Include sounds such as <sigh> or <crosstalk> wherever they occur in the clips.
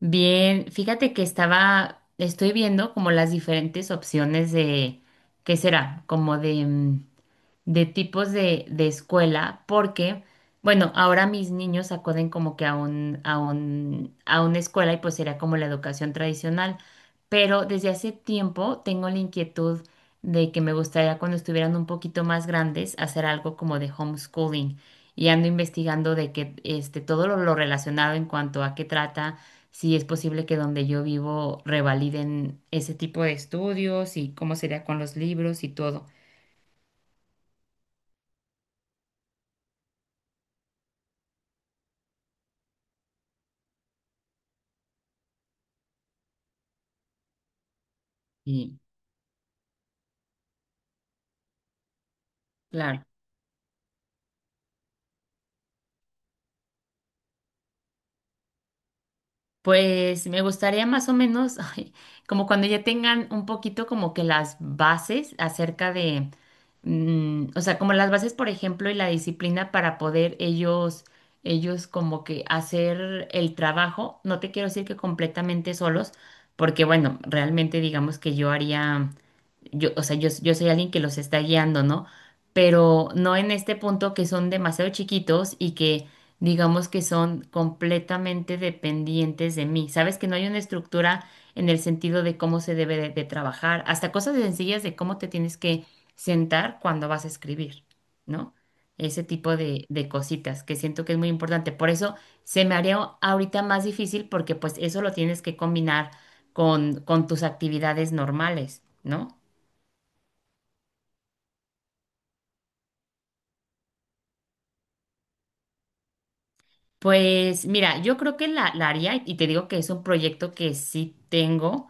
Bien, fíjate que estoy viendo como las diferentes opciones de, ¿qué será? Como de tipos de escuela, porque, bueno, ahora mis niños acuden como que a una escuela y pues será como la educación tradicional, pero desde hace tiempo tengo la inquietud de que me gustaría cuando estuvieran un poquito más grandes hacer algo como de homeschooling y ando investigando de que todo lo relacionado en cuanto a qué trata. Si es posible que donde yo vivo revaliden ese tipo de estudios y cómo sería con los libros y todo. Y claro. Pues me gustaría más o menos, <laughs> ay, como cuando ya tengan un poquito como que las bases acerca de, o sea, como las bases, por ejemplo, y la disciplina para poder ellos como que hacer el trabajo. No te quiero decir que completamente solos, porque bueno, realmente digamos que yo, o sea, yo soy alguien que los está guiando, ¿no? Pero no en este punto que son demasiado chiquitos y que digamos que son completamente dependientes de mí. Sabes que no hay una estructura en el sentido de cómo se debe de trabajar, hasta cosas sencillas de cómo te tienes que sentar cuando vas a escribir, ¿no? Ese tipo de cositas que siento que es muy importante. Por eso se me haría ahorita más difícil porque pues eso lo tienes que combinar con tus actividades normales, ¿no? Pues mira, yo creo que la haría y te digo que es un proyecto que sí tengo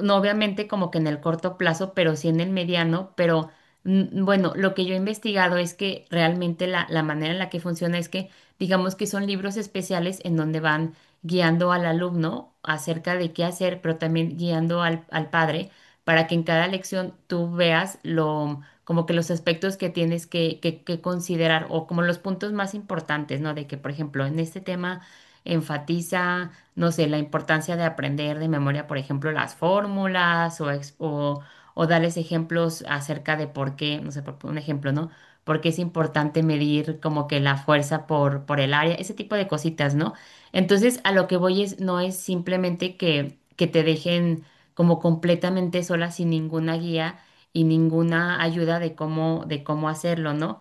no obviamente como que en el corto plazo, pero sí en el mediano, pero bueno, lo que yo he investigado es que realmente la manera en la que funciona es que digamos que son libros especiales en donde van guiando al alumno acerca de qué hacer, pero también guiando al padre para que en cada lección tú veas lo, como que los aspectos que tienes que, que considerar o como los puntos más importantes, ¿no? De que, por ejemplo, en este tema enfatiza no sé, la importancia de aprender de memoria, por ejemplo, las fórmulas o darles ejemplos acerca de por qué, no sé, por un ejemplo, ¿no? Por qué es importante medir como que la fuerza por el área, ese tipo de cositas, ¿no? Entonces, a lo que voy es, no es simplemente que te dejen como completamente sola sin ninguna guía y ninguna ayuda de cómo hacerlo, ¿no?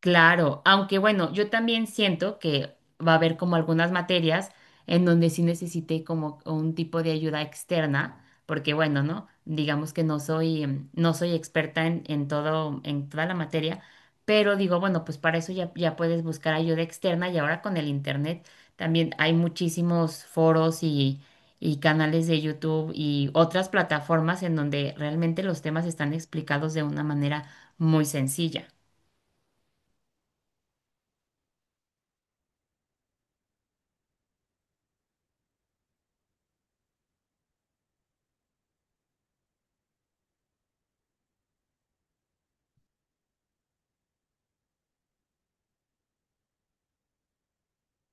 Claro, aunque bueno, yo también siento que va a haber como algunas materias en donde sí necesité como un tipo de ayuda externa, porque bueno, ¿no? Digamos que no soy experta en todo, en toda la materia, pero digo, bueno, pues para eso ya puedes buscar ayuda externa y ahora con el internet también hay muchísimos foros y canales de YouTube y otras plataformas en donde realmente los temas están explicados de una manera muy sencilla.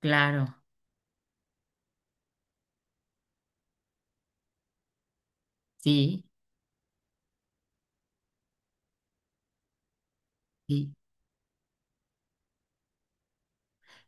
Claro. Sí, sí.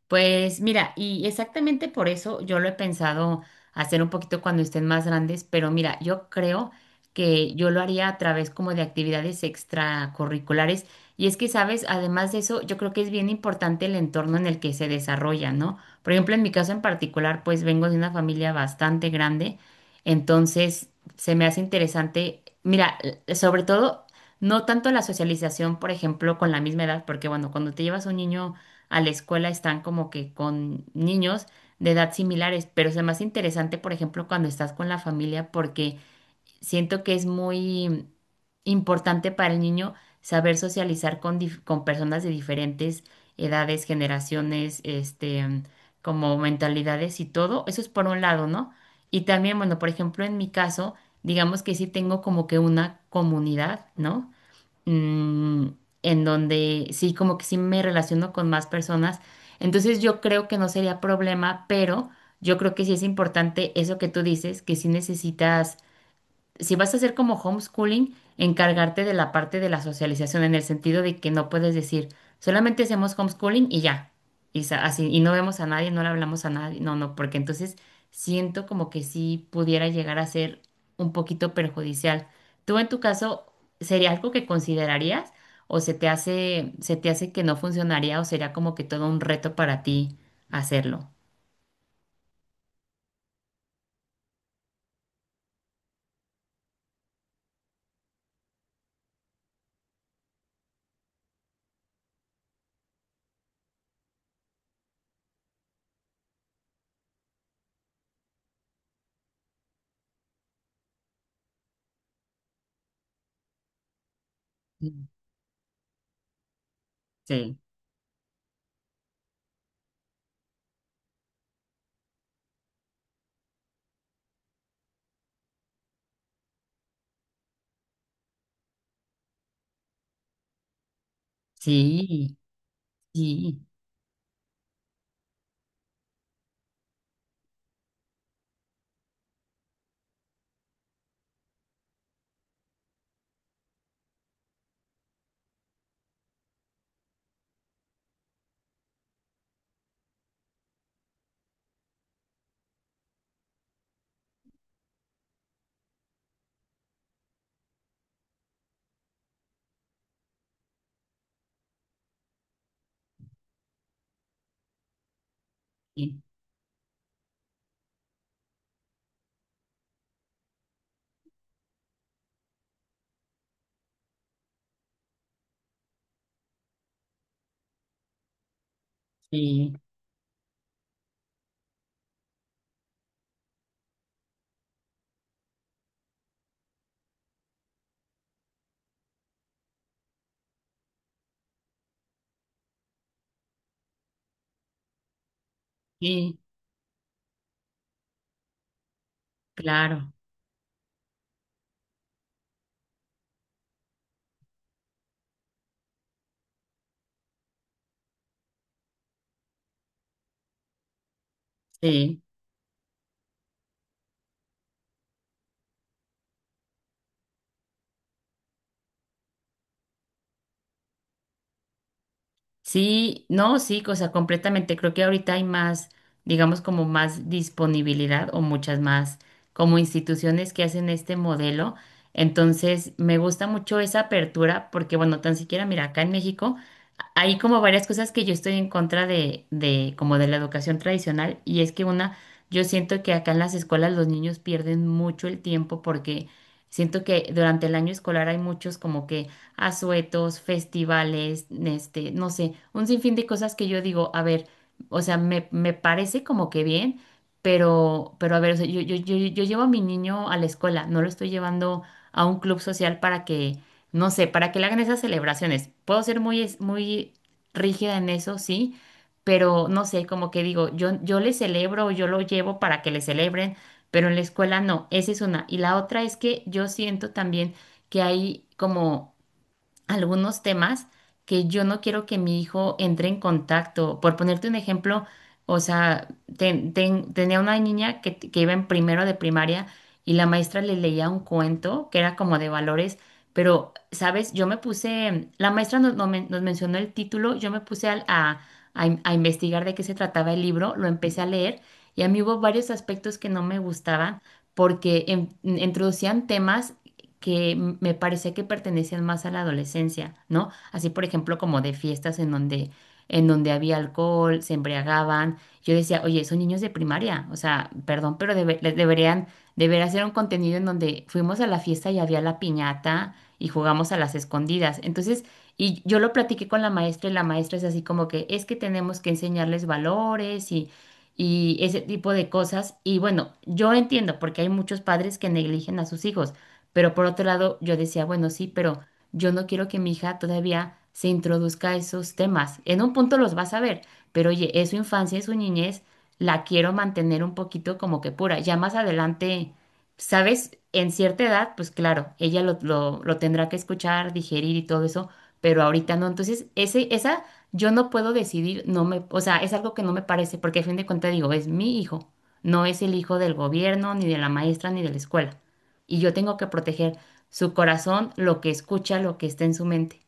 Pues mira, y exactamente por eso yo lo he pensado hacer un poquito cuando estén más grandes, pero mira, yo creo que yo lo haría a través como de actividades extracurriculares. Y es que, sabes, además de eso, yo creo que es bien importante el entorno en el que se desarrolla, ¿no? Por ejemplo, en mi caso en particular, pues vengo de una familia bastante grande, entonces se me hace interesante, mira, sobre todo, no tanto la socialización, por ejemplo, con la misma edad, porque bueno, cuando te llevas a un niño a la escuela están como que con niños de edad similares, pero es más interesante, por ejemplo, cuando estás con la familia, porque siento que es muy importante para el niño saber socializar con personas de diferentes edades, generaciones, como mentalidades y todo. Eso es por un lado, ¿no? Y también, bueno, por ejemplo, en mi caso, digamos que sí tengo como que una comunidad, ¿no? mm, en donde sí, como que sí me relaciono con más personas. Entonces yo creo que no sería problema, pero yo creo que sí es importante eso que tú dices, que sí necesitas si vas a hacer como homeschooling, encargarte de la parte de la socialización, en el sentido de que no puedes decir, solamente hacemos homeschooling y ya. Y así, y no vemos a nadie, no le hablamos a nadie. No, no, porque entonces siento como que sí pudiera llegar a ser un poquito perjudicial. ¿Tú en tu caso sería algo que considerarías o se te hace, que no funcionaría o sería como que todo un reto para ti hacerlo? Mm. Sí, sí, sí, sí, sí. Sí. Claro, sí, sí, no, sí, o sea, completamente. Creo que ahorita hay más, digamos, como más disponibilidad o muchas más como instituciones que hacen este modelo. Entonces, me gusta mucho esa apertura porque, bueno, tan siquiera, mira, acá en México hay como varias cosas que yo estoy en contra de, como de la educación tradicional y es que una, yo siento que acá en las escuelas los niños pierden mucho el tiempo porque siento que durante el año escolar hay muchos como que asuetos, festivales, no sé, un sinfín de cosas que yo digo, a ver, o sea, me parece como que bien, pero a ver, o sea, yo llevo a mi niño a la escuela, no lo estoy llevando a un club social para que, no sé, para que le hagan esas celebraciones. Puedo ser muy rígida en eso, sí, pero no sé, como que digo, yo le celebro, yo lo llevo para que le celebren, pero en la escuela no, esa es una. Y la otra es que yo siento también que hay como algunos temas que yo no quiero que mi hijo entre en contacto. Por ponerte un ejemplo, o sea, tenía una niña que iba en primero de primaria y la maestra le leía un cuento que era como de valores, pero, ¿sabes? Yo me puse, la maestra nos mencionó el título, yo me puse a investigar de qué se trataba el libro, lo empecé a leer y a mí hubo varios aspectos que no me gustaban porque introducían temas que me parece que pertenecían más a la adolescencia, ¿no? Así, por ejemplo, como de fiestas en donde había alcohol, se embriagaban. Yo decía, oye, son niños de primaria, o sea, perdón, pero les deberían, debería hacer un contenido en donde fuimos a la fiesta y había la piñata y jugamos a las escondidas. Entonces, y yo lo platiqué con la maestra y la maestra es así como que es que tenemos que enseñarles valores y ese tipo de cosas. Y bueno, yo entiendo porque hay muchos padres que negligen a sus hijos, pero por otro lado, yo decía, bueno, sí, pero yo no quiero que mi hija todavía se introduzca a esos temas. En un punto los vas a ver, pero oye, es su infancia, es su niñez, la quiero mantener un poquito como que pura. Ya más adelante, ¿sabes? En cierta edad, pues claro, ella lo tendrá que escuchar, digerir y todo eso, pero ahorita no. Entonces, yo no puedo decidir, no me, o sea, es algo que no me parece, porque a fin de cuentas digo, es mi hijo, no es el hijo del gobierno, ni de la maestra, ni de la escuela y yo tengo que proteger su corazón, lo que escucha, lo que está en su mente.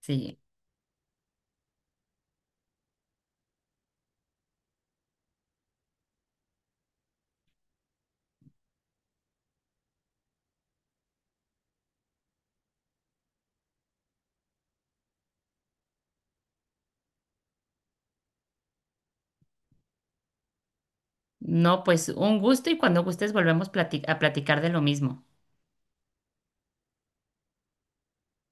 Sí. No, pues un gusto y cuando gustes volvemos a platicar de lo mismo.